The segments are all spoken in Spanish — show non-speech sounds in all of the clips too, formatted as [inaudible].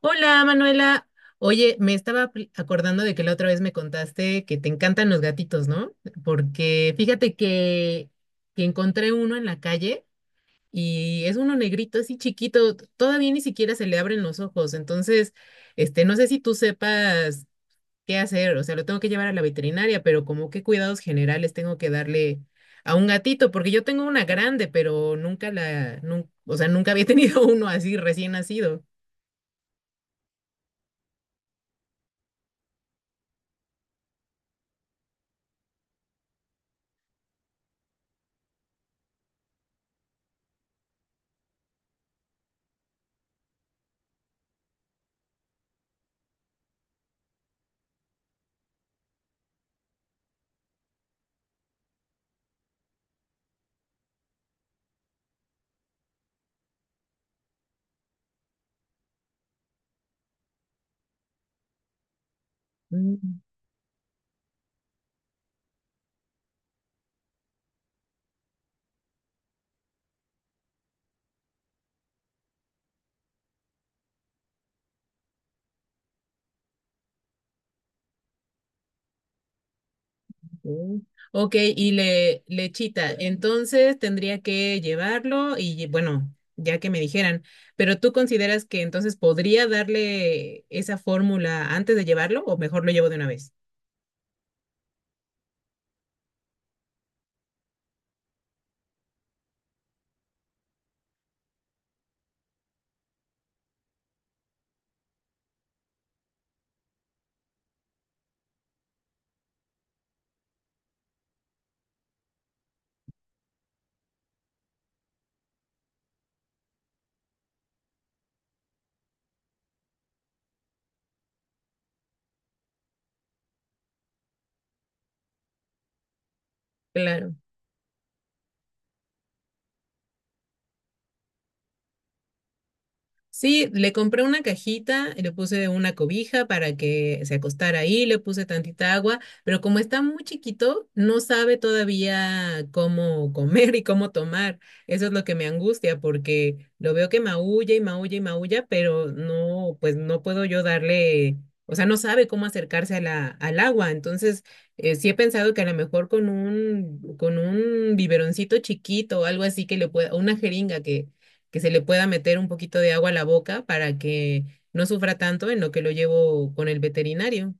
Hola Manuela, oye, me estaba acordando de que la otra vez me contaste que te encantan los gatitos, ¿no? Porque que encontré uno en la calle y es uno negrito, así chiquito, todavía ni siquiera se le abren los ojos, no sé si tú sepas qué hacer, o sea, lo tengo que llevar a la veterinaria, pero como qué cuidados generales tengo que darle a un gatito, porque yo tengo una grande, pero nunca la, nun- o sea, nunca había tenido [laughs] uno así recién nacido. Mm. Ok, y le lechita. Entonces tendría que llevarlo y bueno, ya que me dijeran, pero ¿tú consideras que entonces podría darle esa fórmula antes de llevarlo o mejor lo llevo de una vez? Claro. Sí, le compré una cajita, le puse una cobija para que se acostara ahí, le puse tantita agua, pero como está muy chiquito, no sabe todavía cómo comer y cómo tomar. Eso es lo que me angustia porque lo veo que maulla y maulla y maulla, pero no, pues no puedo yo darle, o sea, no sabe cómo acercarse a al agua. Entonces, sí he pensado que a lo mejor con un biberoncito chiquito o algo así que le pueda, o una jeringa que se le pueda meter un poquito de agua a la boca para que no sufra tanto en lo que lo llevo con el veterinario.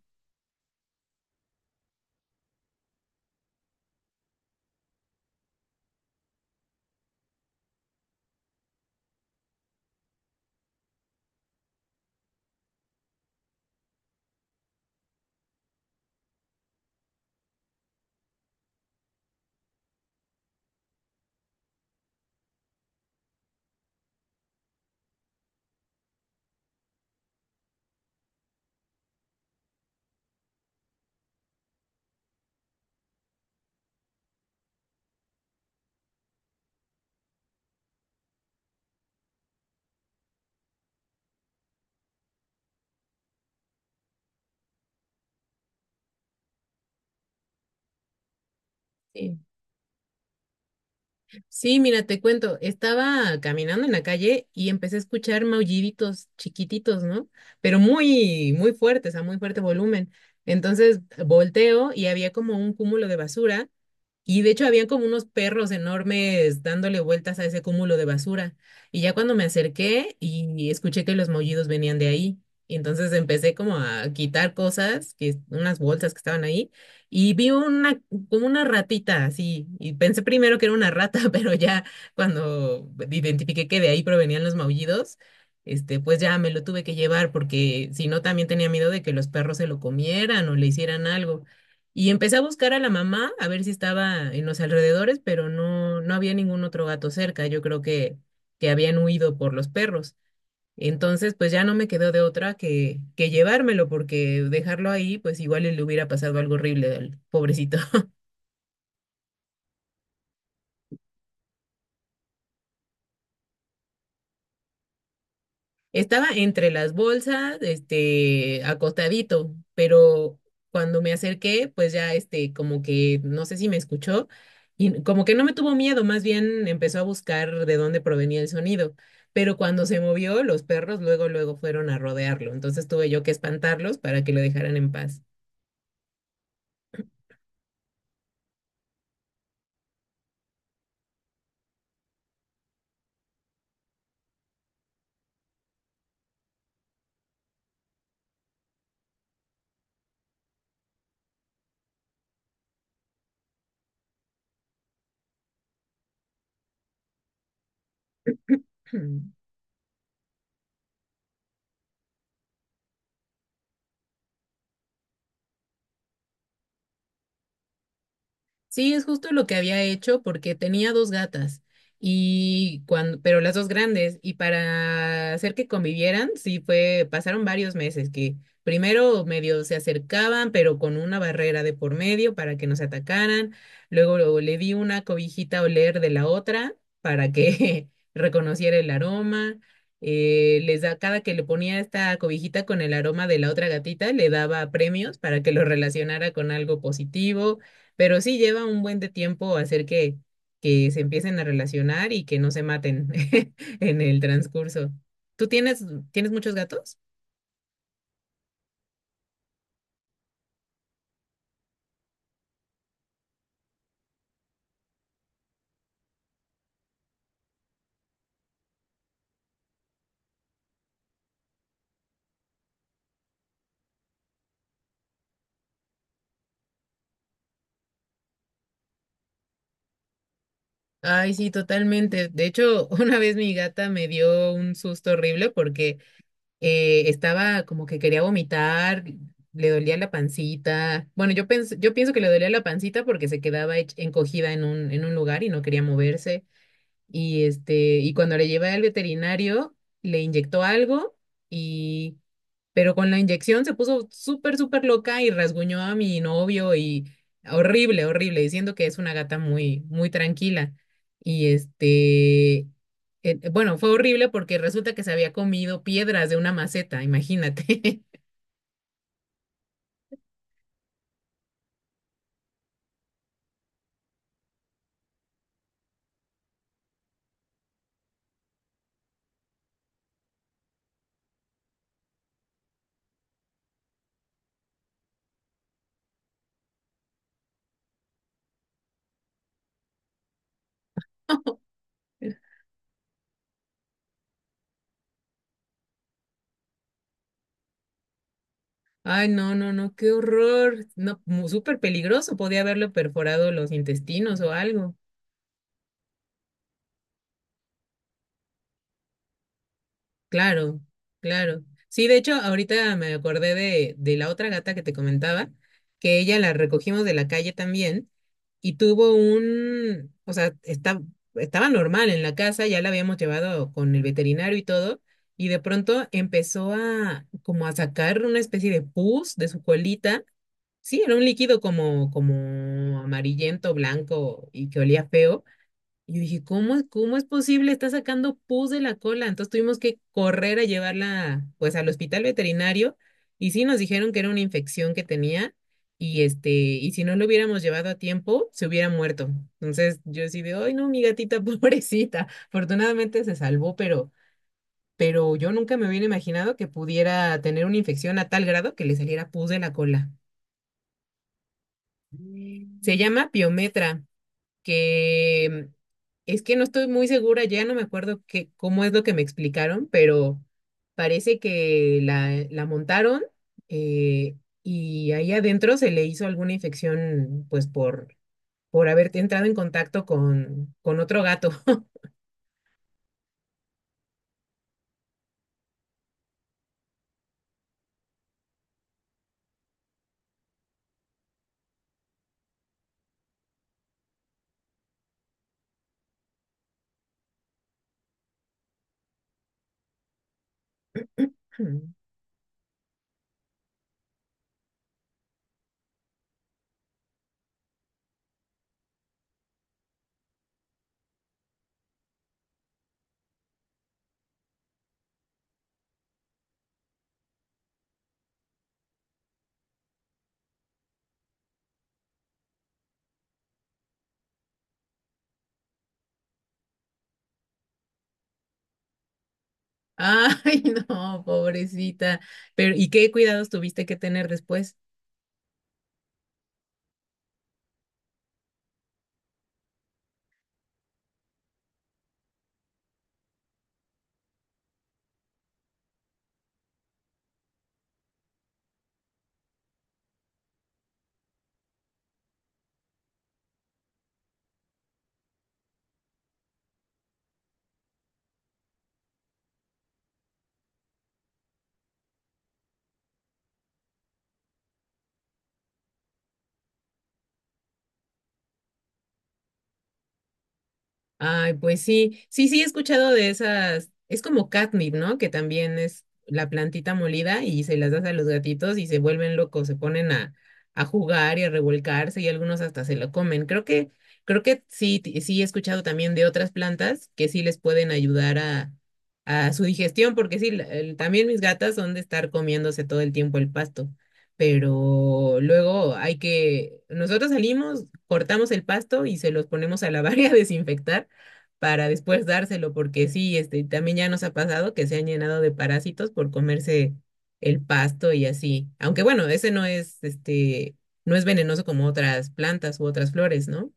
Sí. Sí, mira, te cuento, estaba caminando en la calle y empecé a escuchar maulliditos chiquititos, ¿no? Pero muy, muy fuertes, a muy fuerte volumen. Entonces volteo y había como un cúmulo de basura. Y de hecho habían como unos perros enormes dándole vueltas a ese cúmulo de basura. Y ya cuando me acerqué y escuché que los maullidos venían de ahí. Y entonces empecé como a quitar cosas, que unas bolsas que estaban ahí, y vi una como una ratita así, y pensé primero que era una rata, [laughs] pero ya cuando identifiqué que de ahí provenían los maullidos, pues ya me lo tuve que llevar porque si no también tenía miedo de que los perros se lo comieran o le hicieran algo. Y empecé a buscar a la mamá, a ver si estaba en los alrededores, pero no, no había ningún otro gato cerca. Yo creo que habían huido por los perros. Entonces, pues ya no me quedó de otra que llevármelo, porque dejarlo ahí, pues igual y le hubiera pasado algo horrible al pobrecito. Estaba entre las bolsas, acostadito, pero cuando me acerqué, pues ya, como que no sé si me escuchó y como que no me tuvo miedo, más bien empezó a buscar de dónde provenía el sonido. Pero cuando se movió, los perros luego, luego fueron a rodearlo, entonces tuve yo que espantarlos para que lo dejaran en paz. [clears throat] Sí, es justo lo que había hecho porque tenía dos gatas y cuando, pero las dos grandes y para hacer que convivieran, sí fue, pasaron varios meses que primero medio se acercaban, pero con una barrera de por medio para que no se atacaran. Luego, luego le di una cobijita a oler de la otra para que [laughs] reconociera el aroma. Les da, cada que le ponía esta cobijita con el aroma de la otra gatita, le daba premios para que lo relacionara con algo positivo, pero sí lleva un buen de tiempo hacer que se empiecen a relacionar y que no se maten [laughs] en el transcurso. ¿Tú tienes, ¿Tienes muchos gatos? Ay, sí, totalmente. De hecho, [laughs] una vez mi gata me dio un susto horrible porque estaba como que quería vomitar, le dolía la pancita. Bueno, yo pienso que le dolía la pancita porque se quedaba encogida en un lugar y no quería moverse. Y, y cuando le llevé al veterinario, le inyectó algo y, pero con la inyección se puso súper, súper loca y rasguñó a mi novio y horrible, horrible, diciendo que es una gata muy, muy tranquila. Y este, bueno, fue horrible porque resulta que se había comido piedras de una maceta, imagínate. [laughs] Ay, no, no, no, qué horror. No, súper peligroso, podía haberle perforado los intestinos o algo. Claro, claro. Sí, de hecho, ahorita me acordé de la otra gata que te comentaba, que ella la recogimos de la calle también y tuvo un, estaba normal en la casa, ya la habíamos llevado con el veterinario y todo, y de pronto empezó a como a sacar una especie de pus de su colita. Sí, era un líquido como amarillento, blanco y que olía feo. Y yo dije, ¿cómo, cómo es posible? Está sacando pus de la cola. Entonces tuvimos que correr a llevarla, pues, al hospital veterinario. Y sí, nos dijeron que era una infección que tenía. Y y si no lo hubiéramos llevado a tiempo, se hubiera muerto. Entonces yo sí de, ay, no, mi gatita, [laughs] pobrecita. Afortunadamente se salvó, pero yo nunca me hubiera imaginado que pudiera tener una infección a tal grado que le saliera pus de la cola. Se llama piometra, que es que no estoy muy segura, ya no me acuerdo cómo es lo que me explicaron, pero parece que la montaron, eh, y ahí adentro se le hizo alguna infección, por haber entrado en contacto con otro gato. [laughs] Ay, no, pobrecita. Pero, ¿y qué cuidados tuviste que tener después? Ay, pues sí, sí, sí, he escuchado de esas, es como catnip, ¿no? Que también es la plantita molida y se las das a los gatitos y se vuelven locos, se ponen a jugar y a revolcarse y algunos hasta se lo comen. Creo que sí, sí he escuchado también de otras plantas que sí les pueden ayudar a su digestión, porque sí, también mis gatas son de estar comiéndose todo el tiempo el pasto, pero luego nosotros salimos, cortamos el pasto y se los ponemos a lavar [laughs] y a desinfectar para después dárselo, porque sí, también ya nos ha pasado que se han llenado de parásitos por comerse el pasto y así. Aunque bueno, ese no es, este, no es venenoso como otras plantas u otras flores, ¿no?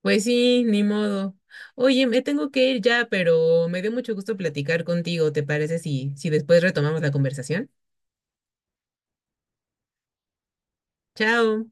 Pues sí, ni modo. Oye, me tengo que ir ya, pero me dio mucho gusto platicar contigo. ¿Te parece si después retomamos la conversación? Chao.